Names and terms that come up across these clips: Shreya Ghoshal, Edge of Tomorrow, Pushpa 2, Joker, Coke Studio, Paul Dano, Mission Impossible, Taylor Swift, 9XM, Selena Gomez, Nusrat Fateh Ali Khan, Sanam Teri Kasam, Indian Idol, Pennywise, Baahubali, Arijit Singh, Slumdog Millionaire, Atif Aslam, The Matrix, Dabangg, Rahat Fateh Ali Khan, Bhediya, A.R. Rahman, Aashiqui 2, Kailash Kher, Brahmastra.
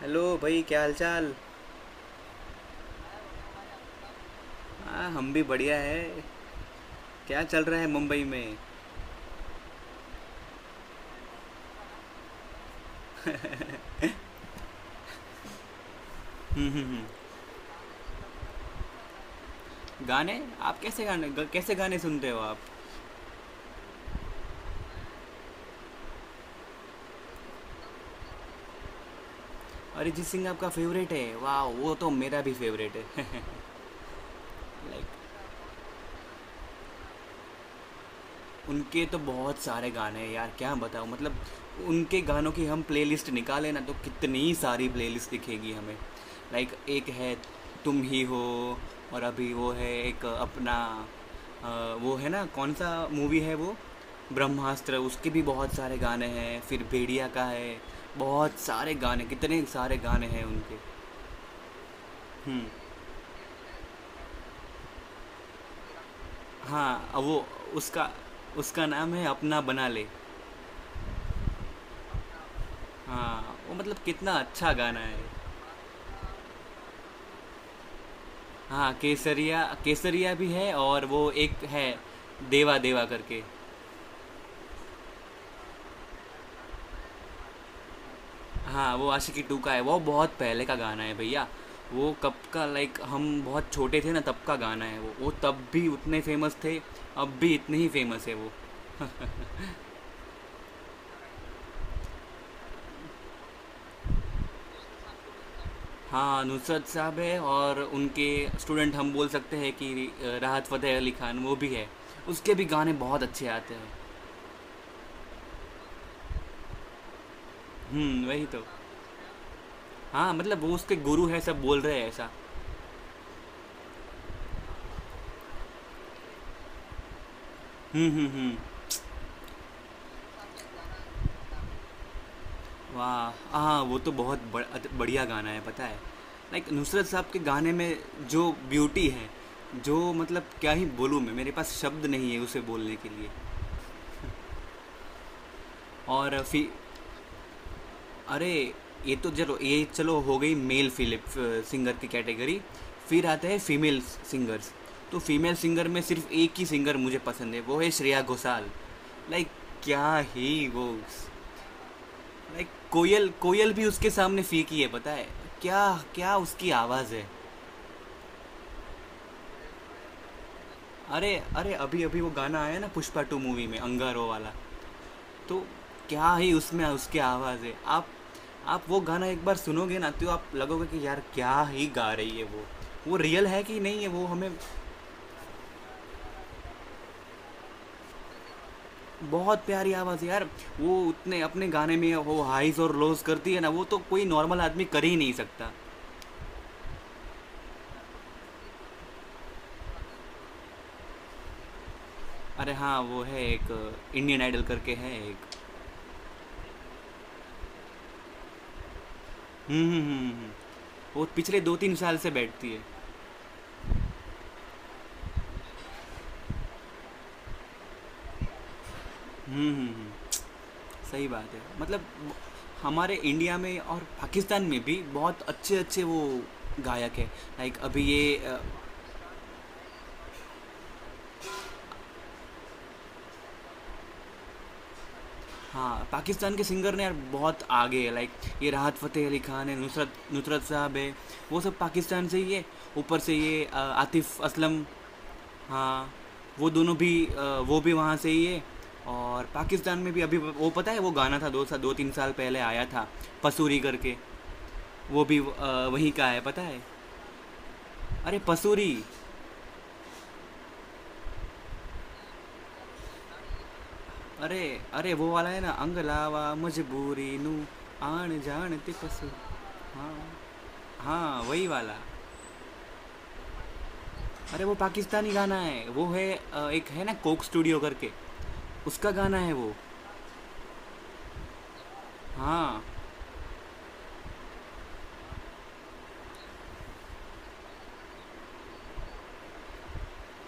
Hello भाई, क्या हालचाल। हाँ, हम भी बढ़िया है। क्या चल रहा है मुंबई में। हम्म हम्म हम्म। गाने। आप कैसे गाने ग, कैसे गाने सुनते हो आप। अरिजीत सिंह आपका फेवरेट है। वाह, वो तो मेरा भी फेवरेट है। लाइक। उनके तो बहुत सारे गाने हैं यार, क्या बताऊँ मतलब। उनके गानों की हम प्लेलिस्ट निकालें ना, तो कितनी सारी प्लेलिस्ट दिखेगी हमें। लाइक, एक है। तुम ही हो। और अभी वो है एक अपना। अ, वो है ना, कौन सा मूवी है वो। ब्रह्मास्त्र, उसके भी बहुत सारे गाने हैं। फिर भेड़िया का है। बहुत सारे गाने, कितने सारे गाने हैं उनके। हम्म। हाँ, वो। उसका। उसका नाम है अपना बना ले। हाँ वो, मतलब कितना अच्छा गाना है। हाँ, केसरिया, केसरिया भी है और वो एक है। देवा देवा करके। हाँ, वो आशिकी टू का है। वो बहुत पहले का गाना है भैया। वो कब का, लाइक हम बहुत छोटे थे ना, तब का गाना है वो तब भी उतने फेमस थे। अब भी इतने ही फेमस है वो। हाँ, नुसरत साहब है और उनके स्टूडेंट हम बोल सकते हैं कि राहत फ़तेह अली खान वो भी है। उसके भी गाने बहुत अच्छे आते हैं। हम्म, वही तो। हाँ, मतलब वो उसके गुरु है, सब बोल रहे हैं ऐसा। हम्म। वाह, हाँ, वो तो बहुत बढ़िया गाना है, पता है। लाइक, नुसरत साहब के गाने में जो ब्यूटी है, जो मतलब क्या ही बोलूँ मैं। मेरे पास शब्द नहीं है उसे बोलने के लिए। और फिर। अरे। ये तो चलो, ये चलो, हो गई मेल फिलिप सिंगर की कैटेगरी। फिर आते हैं फीमेल सिंगर्स। तो फीमेल सिंगर में सिर्फ एक ही सिंगर मुझे पसंद है, वो है श्रेया घोषाल। लाइक। क्या ही वो। लाइक, कोयल कोयल भी उसके सामने फीकी है, पता है। क्या। क्या उसकी आवाज़ है। अरे अरे, अभी अभी वो गाना आया ना पुष्पा टू मूवी में, अंगारो वाला। तो क्या ही उसमें उसकी आवाज़ है, आप। आप वो गाना एक बार सुनोगे ना, तो आप लगोगे कि यार क्या ही गा रही है वो। वो रियल है कि नहीं है वो, हमें। बहुत प्यारी आवाज़ है यार। वो उतने अपने गाने में वो हाइज और लोज करती है ना, वो तो कोई नॉर्मल आदमी कर ही नहीं सकता। अरे हाँ, वो है एक इंडियन आइडल करके है एक। हम्म। वो पिछले 2-3 साल से बैठती है। हम्म हम्म। सही बात है, मतलब। हमारे इंडिया में और पाकिस्तान में भी बहुत अच्छे अच्छे वो गायक है। लाइक, अभी ये। हाँ, पाकिस्तान के सिंगर ने यार बहुत आगे है, लाइक। ये राहत फ़तेह अली खान है, नुसरत नुसरत साहब है। वो सब पाकिस्तान से ही है। ऊपर से ये आतिफ असलम। हाँ। वो दोनों भी। वो भी वहाँ से ही है। और पाकिस्तान में भी अभी वो, पता है, वो गाना था 2-3 साल पहले आया था पसूरी करके। वो भी वहीं का है, पता है। अरे पसूरी। अरे अरे, वो वाला है ना, अंग लावा मजबूरी नू, आन जान ते पसू। हाँ, हाँ वही वाला। अरे, वो पाकिस्तानी गाना है, वो है एक है ना कोक स्टूडियो करके, उसका गाना है वो। हाँ।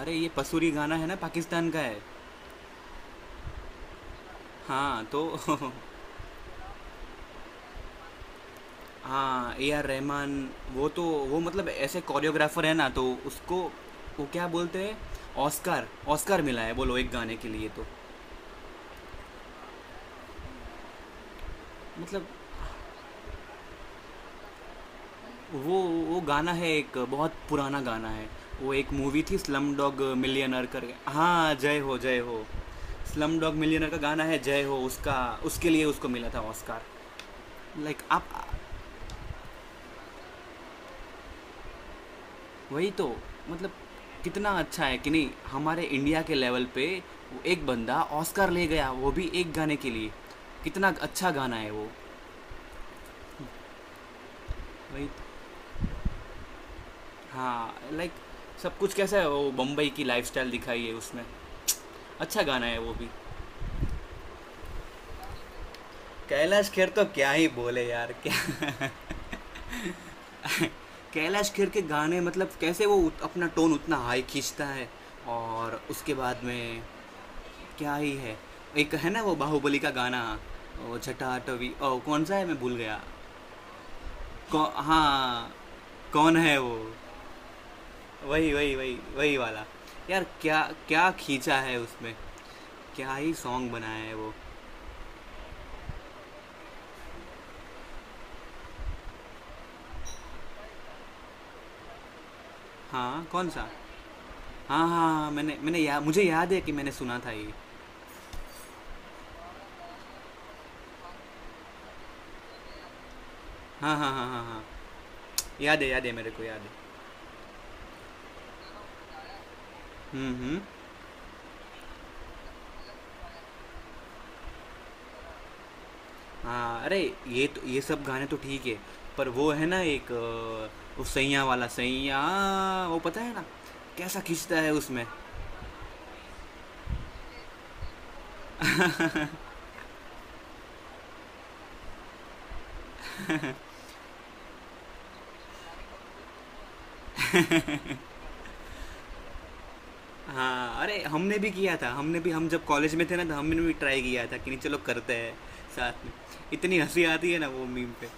अरे ये पसूरी गाना है ना, पाकिस्तान का है। हाँ तो। हाँ, ए आर रहमान, वो तो, वो मतलब ऐसे कोरियोग्राफर है ना, तो उसको वो क्या बोलते हैं, ऑस्कार, ऑस्कार मिला है बोलो, एक गाने के लिए तो। मतलब। वो वो गाना है, एक बहुत पुराना गाना है। वो एक मूवी थी स्लम डॉग मिलियनर कर हाँ जय हो, जय हो। स्लम डॉग मिलियनर का गाना है जय हो, उसका। उसके लिए उसको मिला था ऑस्कार। लाइक, आप, वही तो, मतलब कितना अच्छा है कि नहीं, हमारे इंडिया के लेवल पे वो एक बंदा ऑस्कर ले गया, वो भी एक गाने के लिए। कितना अच्छा गाना है वो। वही तो। हाँ, लाइक, सब कुछ कैसा है, वो बम्बई की लाइफस्टाइल दिखाई है उसमें। अच्छा गाना है वो भी। कैलाश खेर तो क्या ही बोले यार, क्या। कैलाश खेर के गाने, मतलब कैसे वो अपना टोन उतना हाई खींचता है, और उसके बाद में क्या ही है। एक है ना वो बाहुबली का गाना। ओ छठा आठवी, ओ कौन सा है, मैं भूल गया। हाँ, कौन है वो, वही वही वही वही वाला। यार क्या, क्या खींचा है उसमें, क्या ही सॉन्ग बनाया है वो। हाँ, कौन सा। हाँ हाँ हाँ, मैंने मैंने या, मुझे याद है कि मैंने सुना था ये। हाँ हाँ हाँ हाँ हाँ। याद है, याद है मेरे को, याद है। हम्म। हाँ अरे, ये सब गाने तो ठीक है। पर वो है ना एक उस सैया वाला सैया, वो पता है ना, कैसा खींचता है उसमें। हाँ अरे, हमने भी किया था, हमने भी। हम जब कॉलेज में थे ना, तो हमने भी ट्राई किया था कि नहीं चलो करते हैं साथ में। इतनी हंसी आती है ना वो मीम पे।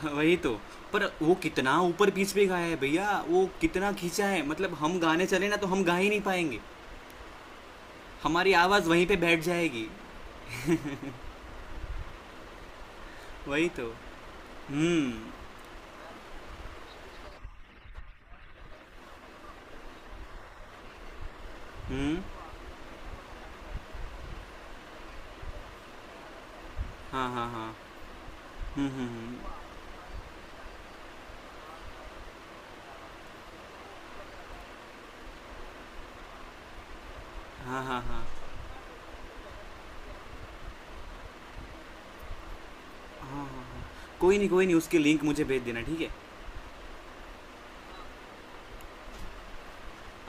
हाँ, वही तो। पर वो कितना ऊपर पीच पे गाया है भैया, वो कितना खींचा है, मतलब हम गाने चले ना, तो हम गा ही नहीं पाएंगे। हमारी आवाज़ वहीं पे बैठ जाएगी। वही तो। हम्म हम्म। हाँ हाँ हाँ। हुँ, हुँ, हुँ। हाँ, हाँ, हाँ। हाँ, हाँ, हाँ। कोई नहीं, कोई नहीं, उसकी लिंक मुझे भेज देना, ठीक है?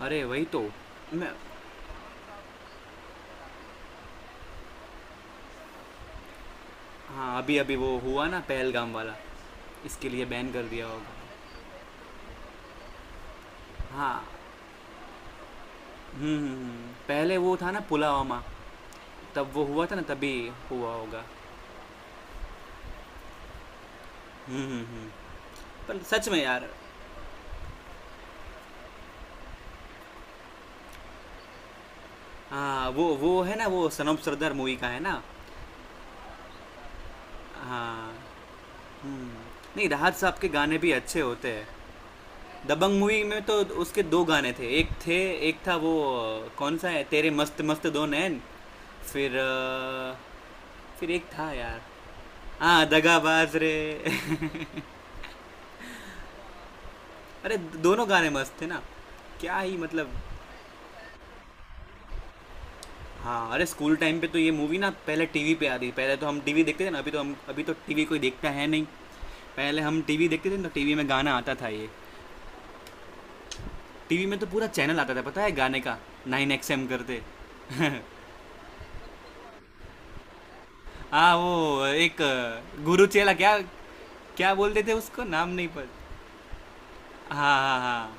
अरे, वही तो, मैं। हाँ, अभी-अभी वो हुआ ना पहलगाम वाला, इसके लिए बैन कर दिया होगा। हाँ। हुँ, हुँ, हुँ। पहले वो था ना पुलवामा, तब वो हुआ था ना तभी हुआ होगा। हुँ, हुँ, हुँ। पर सच में यार। हाँ, वो है ना वो सनम सरदार मूवी का है ना? हाँ। हुँ। नहीं, राहत साहब के गाने भी अच्छे होते हैं। दबंग मूवी में तो उसके दो गाने थे, एक थे, एक था वो कौन सा है, तेरे मस्त मस्त दो नैन। फिर। फिर एक था यार, हाँ दगाबाज रे। अरे, दोनों गाने मस्त थे ना, क्या ही मतलब। हाँ अरे, स्कूल टाइम पे तो ये मूवी ना पहले टीवी पे आती थी। पहले तो हम टीवी देखते थे ना, अभी तो टीवी कोई देखता है नहीं। पहले हम टीवी देखते थे ना, तो टीवी में गाना आता था ये। टीवी में तो पूरा चैनल आता था पता है, गाने का, 9XM करते। हाँ, वो एक गुरु चेला क्या, क्या बोलते थे उसको, नाम नहीं पता। हाँ हाँ हाँ।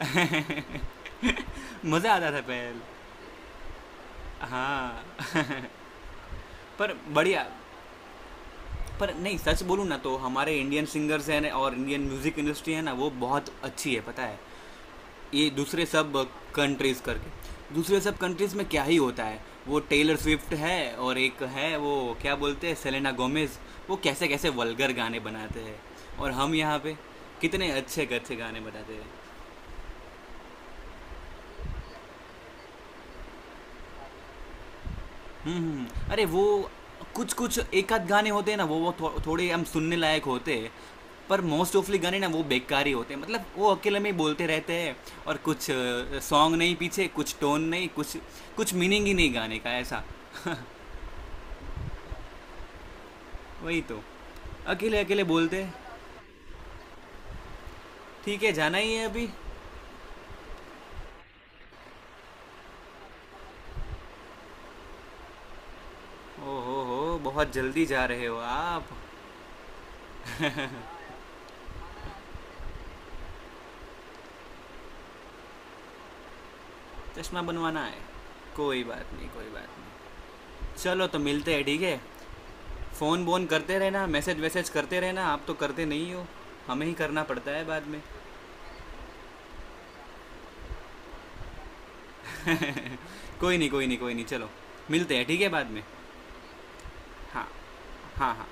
मज़ा आता था पहले। हाँ। पर बढ़िया, पर नहीं, सच बोलूँ ना, तो हमारे इंडियन सिंगर्स हैं ना और इंडियन म्यूज़िक इंडस्ट्री है ना, वो बहुत अच्छी है, पता है। ये दूसरे सब कंट्रीज करके, दूसरे सब कंट्रीज में क्या ही होता है। वो टेलर स्विफ्ट है और एक है वो, क्या बोलते हैं, सेलेना गोमेज। वो कैसे कैसे वल्गर गाने बनाते हैं, और हम यहाँ पे कितने अच्छे अच्छे गाने बनाते हैं। अरे वो कुछ कुछ एक आध गाने होते हैं ना, वो थोड़े हम सुनने लायक होते हैं। पर मोस्ट ऑफली गाने ना, वो बेकार ही होते हैं, मतलब वो अकेले में ही बोलते रहते हैं। और कुछ सॉन्ग नहीं पीछे, कुछ टोन नहीं, कुछ कुछ मीनिंग ही नहीं गाने का, ऐसा। वही तो, अकेले अकेले बोलते। ठीक है, जाना ही है अभी। ओहो हो, बहुत जल्दी जा रहे हो आप। चश्मा बनवाना है। कोई बात नहीं, कोई बात नहीं। चलो, तो मिलते हैं, ठीक है। फ़ोन बोन करते रहना, मैसेज वैसेज करते रहना, आप तो करते नहीं हो, हमें ही करना पड़ता है बाद में। कोई नहीं, कोई नहीं, कोई नहीं, चलो, मिलते हैं, ठीक है, बाद में। हाँ। हाँ हाँ।